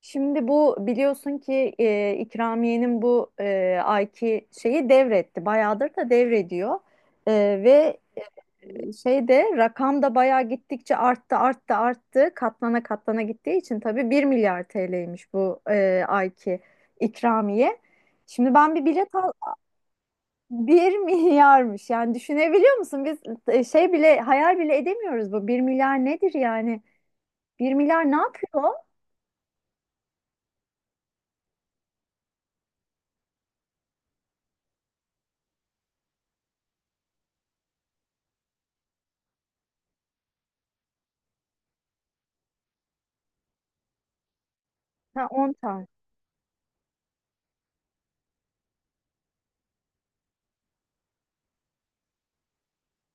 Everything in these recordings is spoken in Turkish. Şimdi bu biliyorsun ki İkramiye'nin bu ayki şeyi devretti. Bayağıdır da devrediyor. E, ve şeyde rakam da bayağı gittikçe arttı arttı arttı. Katlana katlana gittiği için tabii bir milyar TL'ymiş bu ayki ikramiye. Şimdi ben bir bilet al Bir milyarmış. Yani düşünebiliyor musun? Biz şey bile hayal bile edemiyoruz bu. Bir milyar nedir yani? Bir milyar ne yapıyor? Ha, 10 tane.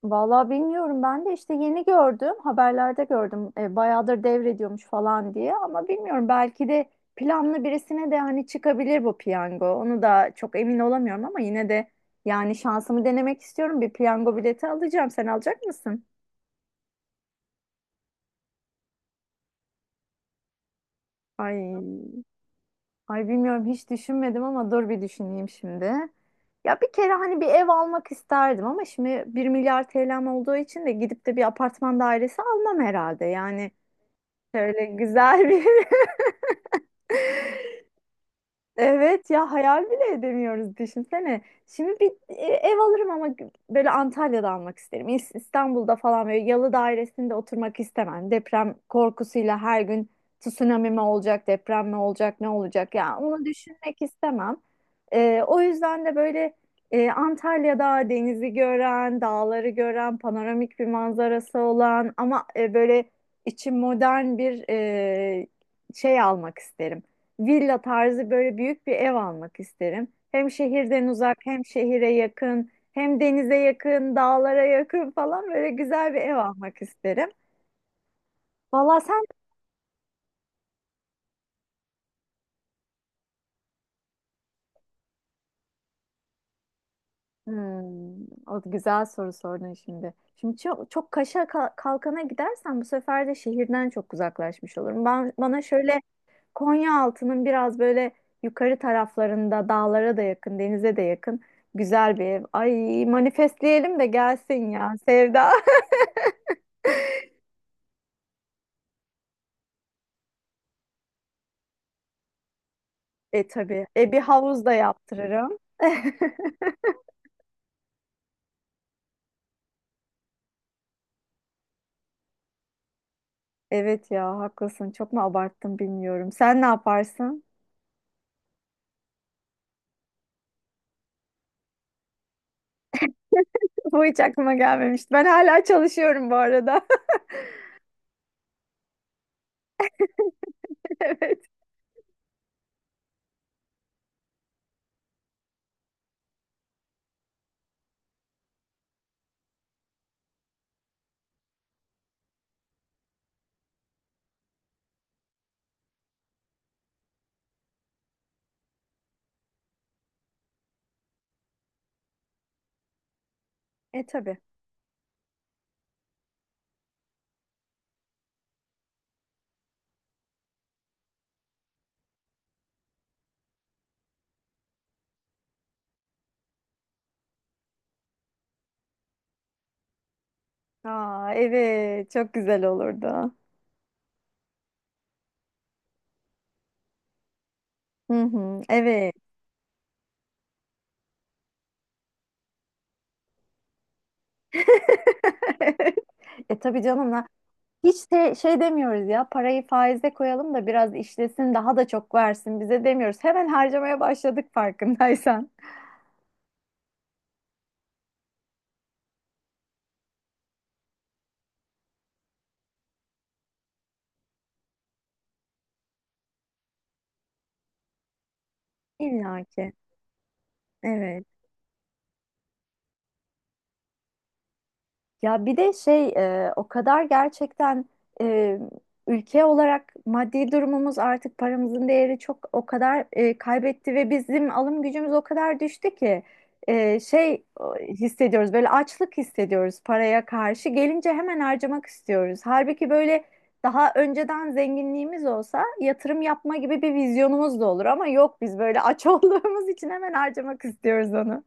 Vallahi bilmiyorum, ben de işte yeni gördüm, haberlerde gördüm bayağıdır devrediyormuş falan diye. Ama bilmiyorum, belki de planlı birisine de hani çıkabilir bu piyango, onu da çok emin olamıyorum. Ama yine de yani şansımı denemek istiyorum, bir piyango bileti alacağım. Sen alacak mısın? Ay, ay, bilmiyorum, hiç düşünmedim ama dur bir düşüneyim şimdi. Ya bir kere hani bir ev almak isterdim ama şimdi bir milyar TL'm olduğu için de gidip de bir apartman dairesi almam herhalde yani. Şöyle güzel bir Evet ya, hayal bile edemiyoruz, düşünsene. Şimdi bir ev alırım ama böyle Antalya'da almak isterim. İstanbul'da falan böyle yalı dairesinde oturmak istemem. Deprem korkusuyla her gün tsunami mi olacak, deprem mi olacak, ne olacak ya onu düşünmek istemem. O yüzden de böyle Antalya'da denizi gören, dağları gören, panoramik bir manzarası olan ama böyle içi modern bir şey almak isterim, villa tarzı böyle büyük bir ev almak isterim. Hem şehirden uzak, hem şehire yakın, hem denize yakın, dağlara yakın falan böyle güzel bir ev almak isterim. Valla sen. Hmm, o güzel soru sordun şimdi. Şimdi çok çok kaşa kalkana gidersen bu sefer de şehirden çok uzaklaşmış olurum. Ben bana şöyle Konyaaltı'nın biraz böyle yukarı taraflarında dağlara da yakın, denize de yakın güzel bir ev. Ay, manifestleyelim de gelsin ya Sevda. Tabii. Bir havuz da yaptırırım. Evet ya, haklısın. Çok mu abarttım bilmiyorum. Sen ne yaparsın? Bu hiç aklıma gelmemişti. Ben hala çalışıyorum bu arada. Evet. Tabii. Aa, evet. Çok güzel olurdu. Hı hı. Evet. Tabii canım lan. Hiç de şey demiyoruz ya, parayı faize koyalım da biraz işlesin daha da çok versin bize demiyoruz. Hemen harcamaya başladık farkındaysan. İlla ki. Evet. Ya bir de şey o kadar gerçekten e, ülke olarak maddi durumumuz artık paramızın değeri çok o kadar kaybetti ve bizim alım gücümüz o kadar düştü ki şey o, hissediyoruz, böyle açlık hissediyoruz paraya karşı, gelince hemen harcamak istiyoruz. Halbuki böyle daha önceden zenginliğimiz olsa yatırım yapma gibi bir vizyonumuz da olur ama yok, biz böyle aç olduğumuz için hemen harcamak istiyoruz onu.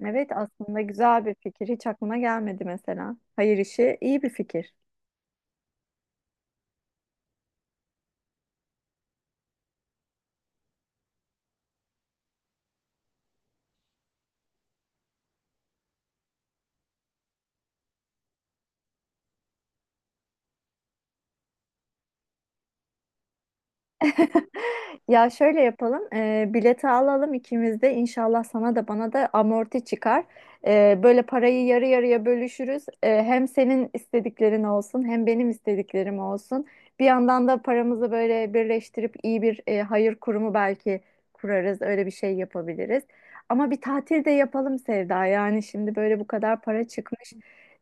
Evet aslında güzel bir fikir. Hiç aklıma gelmedi mesela. Hayır işi iyi bir fikir. Ya şöyle yapalım, bileti alalım ikimiz de, inşallah sana da bana da amorti çıkar. Böyle parayı yarı yarıya bölüşürüz. Hem senin istediklerin olsun, hem benim istediklerim olsun. Bir yandan da paramızı böyle birleştirip iyi bir hayır kurumu belki kurarız. Öyle bir şey yapabiliriz. Ama bir tatil de yapalım Sevda. Yani şimdi böyle bu kadar para çıkmış.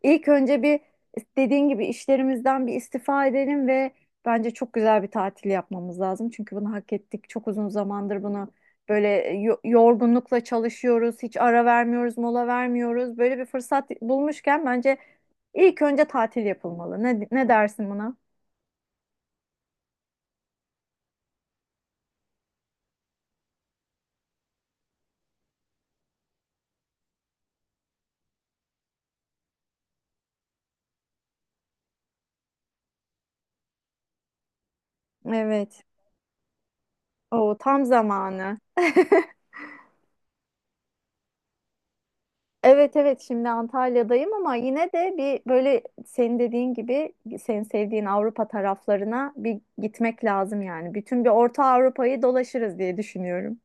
İlk önce bir, dediğin gibi, işlerimizden bir istifa edelim ve bence çok güzel bir tatil yapmamız lazım. Çünkü bunu hak ettik. Çok uzun zamandır bunu böyle yorgunlukla çalışıyoruz. Hiç ara vermiyoruz, mola vermiyoruz. Böyle bir fırsat bulmuşken bence ilk önce tatil yapılmalı. Ne dersin buna? Evet. O tam zamanı. Evet, evet, şimdi Antalya'dayım ama yine de bir böyle senin dediğin gibi senin sevdiğin Avrupa taraflarına bir gitmek lazım yani. Bütün bir Orta Avrupa'yı dolaşırız diye düşünüyorum.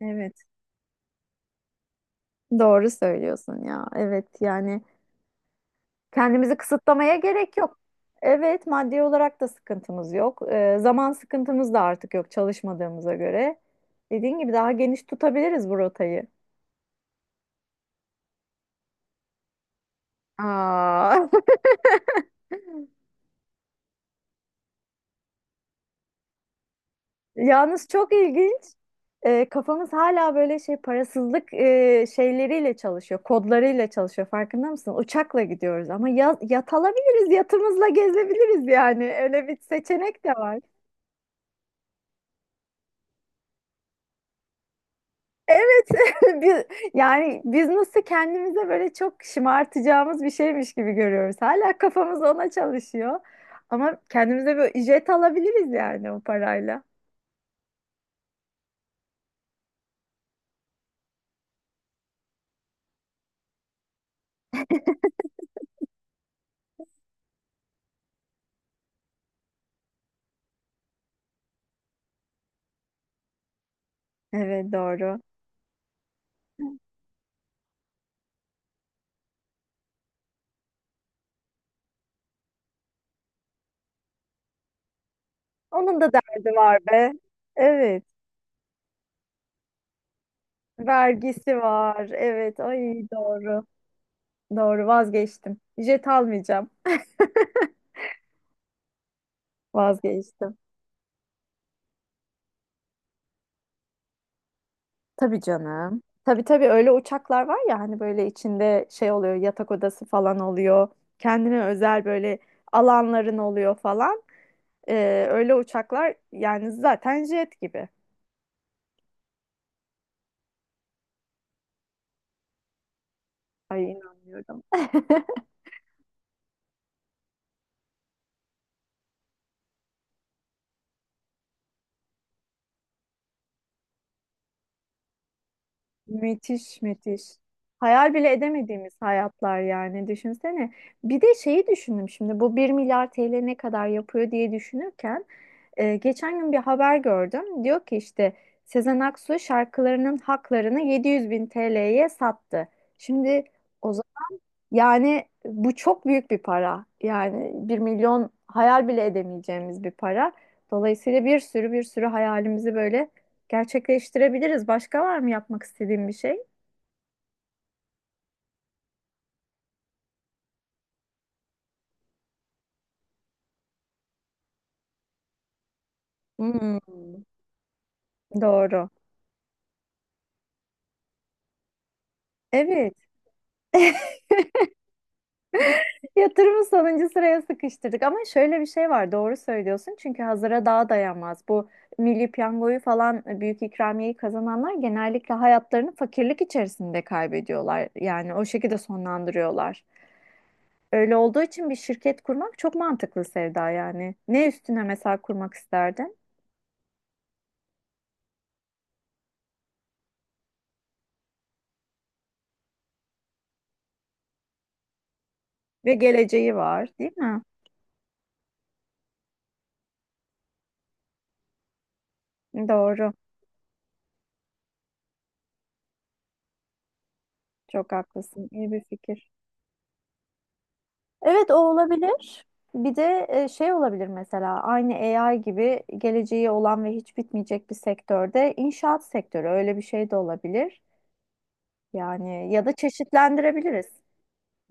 Evet. Doğru söylüyorsun ya. Evet yani kendimizi kısıtlamaya gerek yok. Evet, maddi olarak da sıkıntımız yok. Zaman sıkıntımız da artık yok çalışmadığımıza göre. Dediğin gibi daha geniş tutabiliriz bu rotayı. Aa. Yalnız çok ilginç. Kafamız hala böyle şey parasızlık şeyleriyle çalışıyor, kodlarıyla çalışıyor. Farkında mısın? Uçakla gidiyoruz ama ya, yat alabiliriz, yatımızla gezebiliriz yani. Öyle bir seçenek de var. Evet, biz, yani biz nasıl kendimize böyle çok şımartacağımız bir şeymiş gibi görüyoruz. Hala kafamız ona çalışıyor. Ama kendimize böyle jet alabiliriz yani o parayla. Evet doğru. Onun da derdi var be. Evet. Vergisi var. Evet. Ay, doğru. Doğru, vazgeçtim. Jet almayacağım. Vazgeçtim. Tabii canım. Tabii tabii öyle uçaklar var ya hani böyle içinde şey oluyor, yatak odası falan oluyor. Kendine özel böyle alanların oluyor falan. Öyle uçaklar yani zaten jet gibi. Ay inanmıyorum. Müthiş müthiş. Hayal bile edemediğimiz hayatlar yani düşünsene. Bir de şeyi düşündüm şimdi bu bir milyar TL ne kadar yapıyor diye düşünürken geçen gün bir haber gördüm. Diyor ki işte Sezen Aksu şarkılarının haklarını 700 bin TL'ye sattı. Şimdi o zaman yani bu çok büyük bir para. Yani bir milyon hayal bile edemeyeceğimiz bir para. Dolayısıyla bir sürü bir sürü hayalimizi böyle gerçekleştirebiliriz. Başka var mı yapmak istediğim bir şey? Hmm, doğru. Evet, yatırımı sonuncu sıraya sıkıştırdık ama şöyle bir şey var, doğru söylüyorsun çünkü hazıra daha dayanmaz. Bu milli piyangoyu falan büyük ikramiyeyi kazananlar genellikle hayatlarını fakirlik içerisinde kaybediyorlar. Yani o şekilde sonlandırıyorlar. Öyle olduğu için bir şirket kurmak çok mantıklı Sevda yani. Ne üstüne mesela kurmak isterdin? Ve geleceği var, değil mi? Doğru, çok haklısın. İyi bir fikir. Evet o olabilir. Bir de şey olabilir mesela aynı AI gibi geleceği olan ve hiç bitmeyecek bir sektörde, inşaat sektörü, öyle bir şey de olabilir. Yani ya da çeşitlendirebiliriz.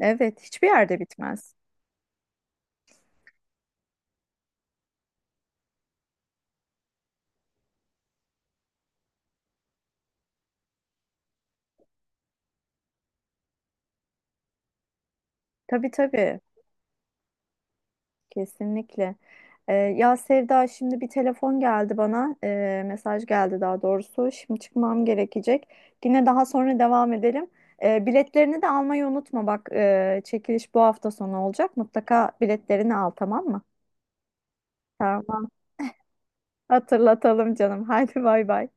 Evet hiçbir yerde bitmez. Tabii tabii kesinlikle. Ya Sevda şimdi bir telefon geldi bana. Mesaj geldi daha doğrusu. Şimdi çıkmam gerekecek. Yine daha sonra devam edelim. Biletlerini de almayı unutma. Bak çekiliş bu hafta sonu olacak. Mutlaka biletlerini al, tamam mı? Tamam. Hatırlatalım canım. Haydi bay bay.